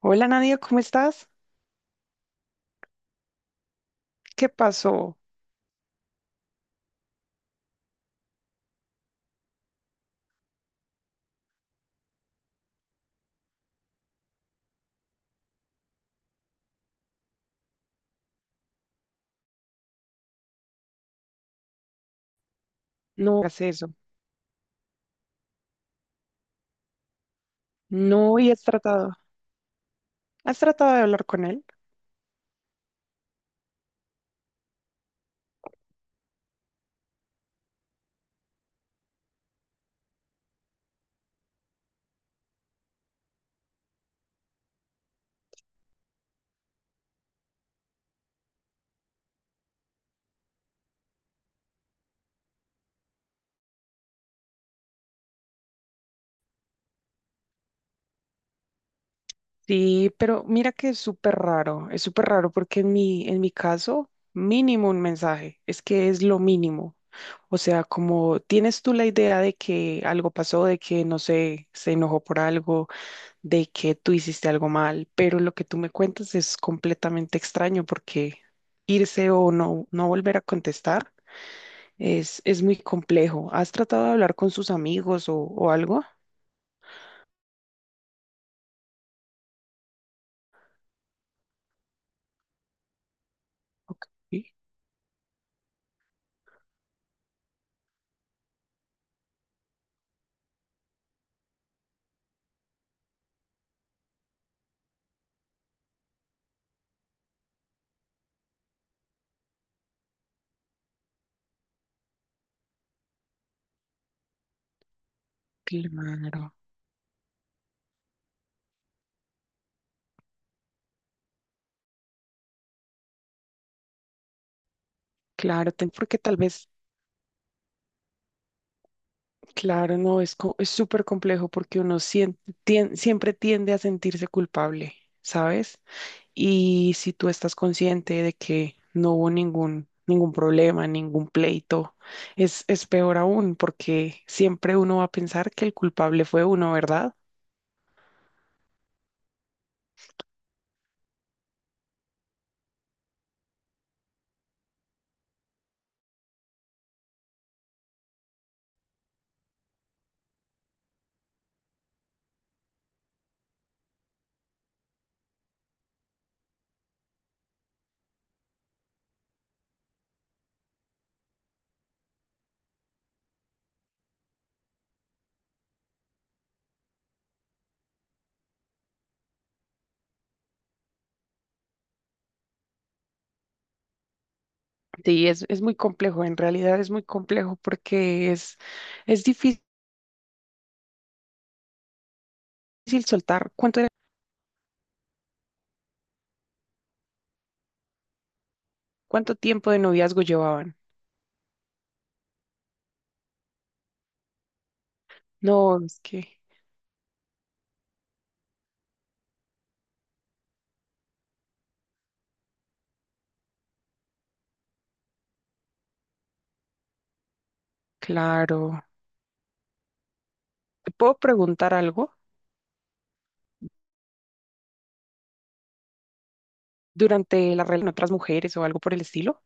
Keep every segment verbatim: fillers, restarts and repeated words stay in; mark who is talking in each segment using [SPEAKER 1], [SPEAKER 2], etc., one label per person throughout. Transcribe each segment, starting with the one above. [SPEAKER 1] Hola Nadia, ¿cómo estás? ¿Qué pasó? No hagas eso. No, y has tratado. ¿Has tratado de hablar con él? Sí, pero mira que es súper raro. Es súper raro porque en mi, en mi caso, mínimo un mensaje. Es que es lo mínimo. O sea, como tienes tú la idea de que algo pasó, de que no sé, se enojó por algo, de que tú hiciste algo mal, pero lo que tú me cuentas es completamente extraño porque irse o no, no volver a contestar. Es, es muy complejo. ¿Has tratado de hablar con sus amigos o, o algo? Ok. Claro, claro, ten- porque tal vez, claro, no, es, co- es súper complejo porque uno sien- tien- siempre tiende a sentirse culpable, ¿sabes? Y si tú estás consciente de que no hubo ningún, ningún problema, ningún pleito, es, es peor aún porque siempre uno va a pensar que el culpable fue uno, ¿verdad? Sí, es, es muy complejo, en realidad es muy complejo porque es, es difícil soltar. ¿Cuánto era- Cuánto tiempo de noviazgo llevaban? No, es que, claro. ¿Te puedo preguntar algo durante la relación con otras mujeres o algo por el estilo?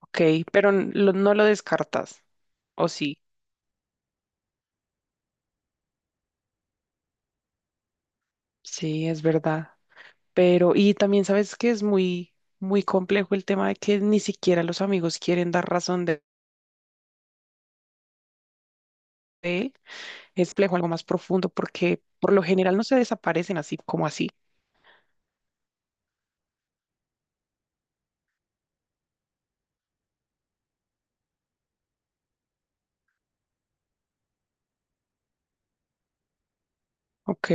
[SPEAKER 1] Ok, pero n- lo- no lo descartas, ¿o sí? Sí, es verdad. Pero, y también sabes que es muy, muy complejo el tema de que ni siquiera los amigos quieren dar razón de de él. Es complejo, algo más profundo, porque por lo general no se desaparecen así como así. Ok,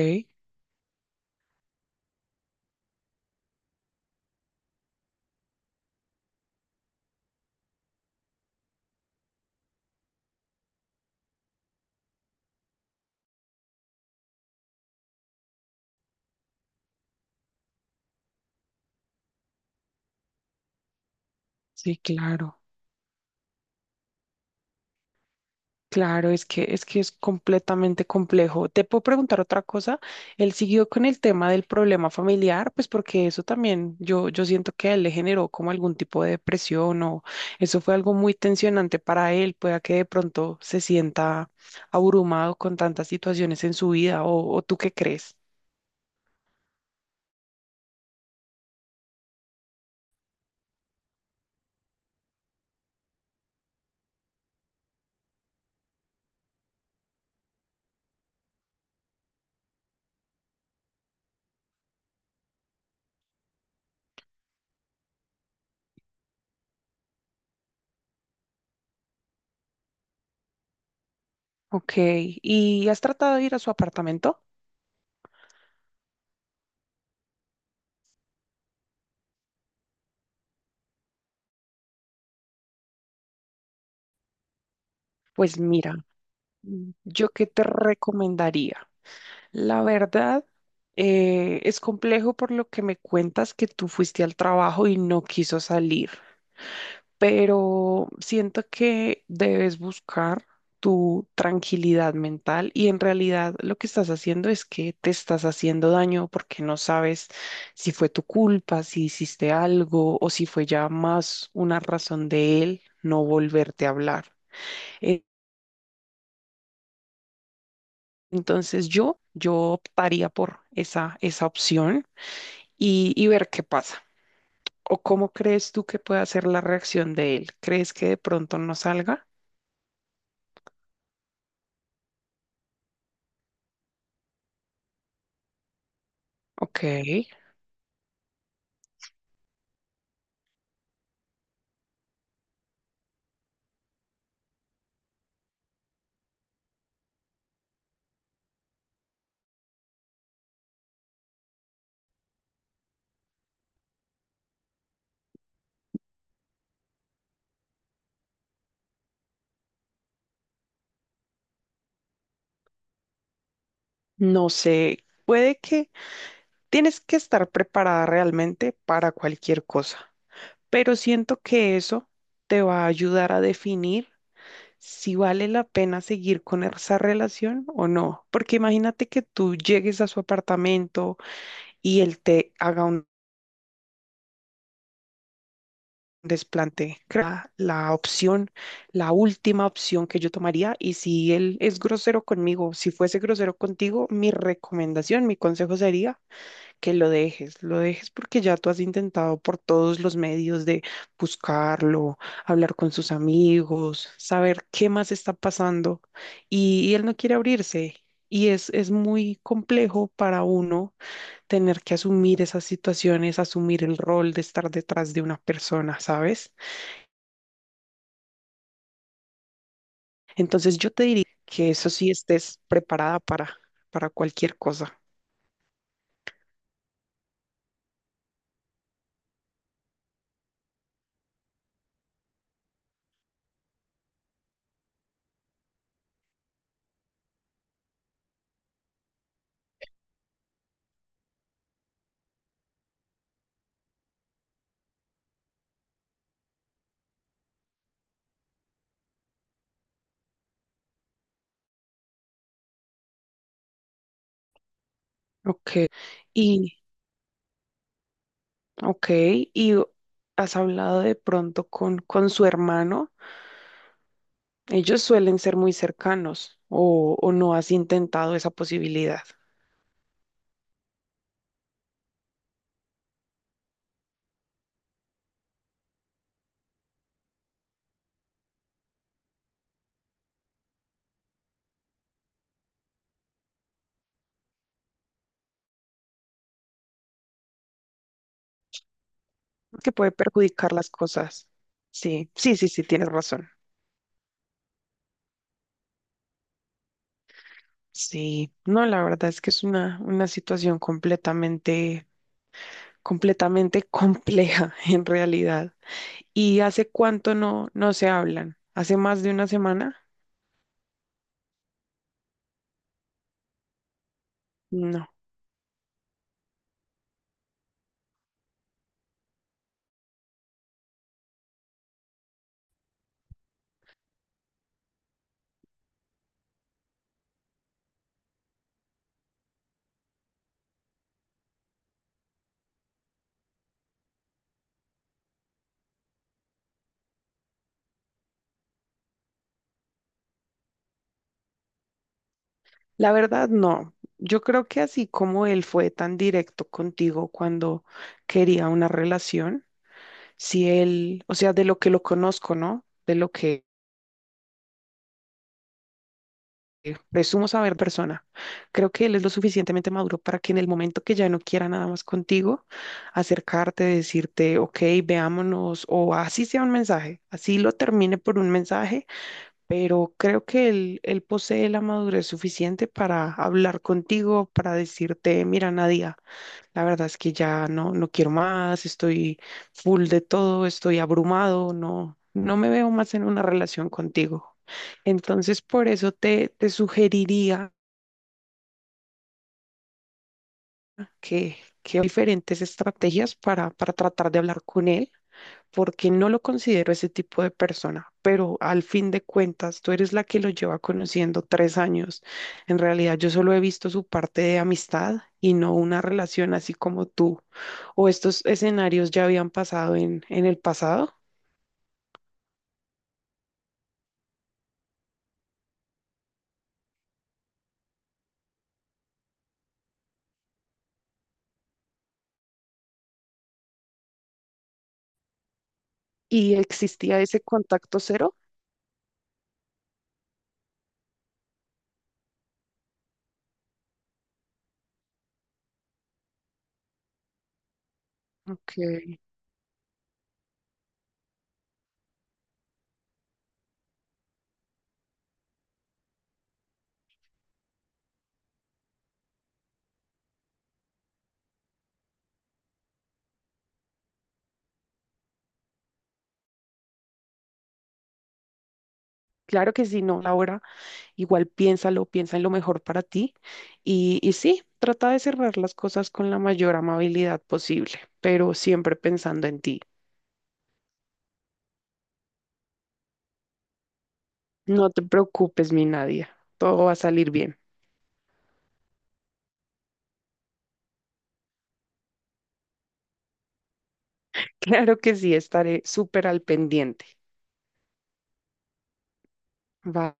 [SPEAKER 1] sí, claro. Claro, es que es que es completamente complejo. Te puedo preguntar otra cosa. Él siguió con el tema del problema familiar, pues porque eso también yo yo siento que a él le generó como algún tipo de depresión o eso fue algo muy tensionante para él, pueda que de pronto se sienta abrumado con tantas situaciones en su vida o, o tú qué crees. Ok, ¿y has tratado de ir a su apartamento? Pues mira. ¿Yo qué te recomendaría? La verdad, eh, es complejo por lo que me cuentas que tú fuiste al trabajo y no quiso salir, pero siento que debes buscar tu tranquilidad mental y en realidad lo que estás haciendo es que te estás haciendo daño porque no sabes si fue tu culpa, si hiciste algo o si fue ya más una razón de él no volverte a hablar. Entonces yo, yo optaría por esa, esa opción y, y ver qué pasa. ¿O cómo crees tú que puede ser la reacción de él? ¿Crees que de pronto no salga? Ok, no sé, puede que tienes que estar preparada realmente para cualquier cosa, pero siento que eso te va a ayudar a definir si vale la pena seguir con esa relación o no, porque imagínate que tú llegues a su apartamento y él te haga un desplante. Creo que la, la opción, la última opción que yo tomaría, y si él es grosero conmigo, si fuese grosero contigo, mi recomendación, mi consejo sería que lo dejes, lo dejes porque ya tú has intentado por todos los medios de buscarlo, hablar con sus amigos, saber qué más está pasando, y, y él no quiere abrirse. Y es, es muy complejo para uno tener que asumir esas situaciones, asumir el rol de estar detrás de una persona, ¿sabes? Entonces yo te diría que eso sí estés preparada para, para cualquier cosa. Ok. Y, ok, y has hablado de pronto con, con su hermano. Ellos suelen ser muy cercanos o, o no has intentado esa posibilidad, que puede perjudicar las cosas. Sí, sí, sí, sí, tienes razón. Sí, no, la verdad es que es una, una situación completamente, completamente compleja en realidad. ¿Y hace cuánto no, no se hablan? ¿Hace más de una semana? No. La verdad, no. Yo creo que así como él fue tan directo contigo cuando quería una relación, si él, o sea, de lo que lo conozco, ¿no? De lo que presumo saber persona, creo que él es lo suficientemente maduro para que en el momento que ya no quiera nada más contigo, acercarte, decirte, ok, veámonos, o así sea un mensaje, así lo termine por un mensaje, pero creo que él, él posee la madurez suficiente para hablar contigo, para decirte, mira, Nadia, la verdad es que ya no, no quiero más, estoy full de todo, estoy abrumado, no, no me veo más en una relación contigo. Entonces, por eso te, te sugeriría que, que hay diferentes estrategias para, para tratar de hablar con él porque no lo considero ese tipo de persona, pero al fin de cuentas, tú eres la que lo lleva conociendo tres años. En realidad, yo solo he visto su parte de amistad y no una relación así como tú. O estos escenarios ya habían pasado en, en el pasado y existía ese contacto cero. Ok. Claro que sí, no, Laura, igual piénsalo, piensa en lo mejor para ti y, y sí, trata de cerrar las cosas con la mayor amabilidad posible, pero siempre pensando en ti. No te preocupes, mi Nadia. Todo va a salir bien. Claro que sí, estaré súper al pendiente. Bye.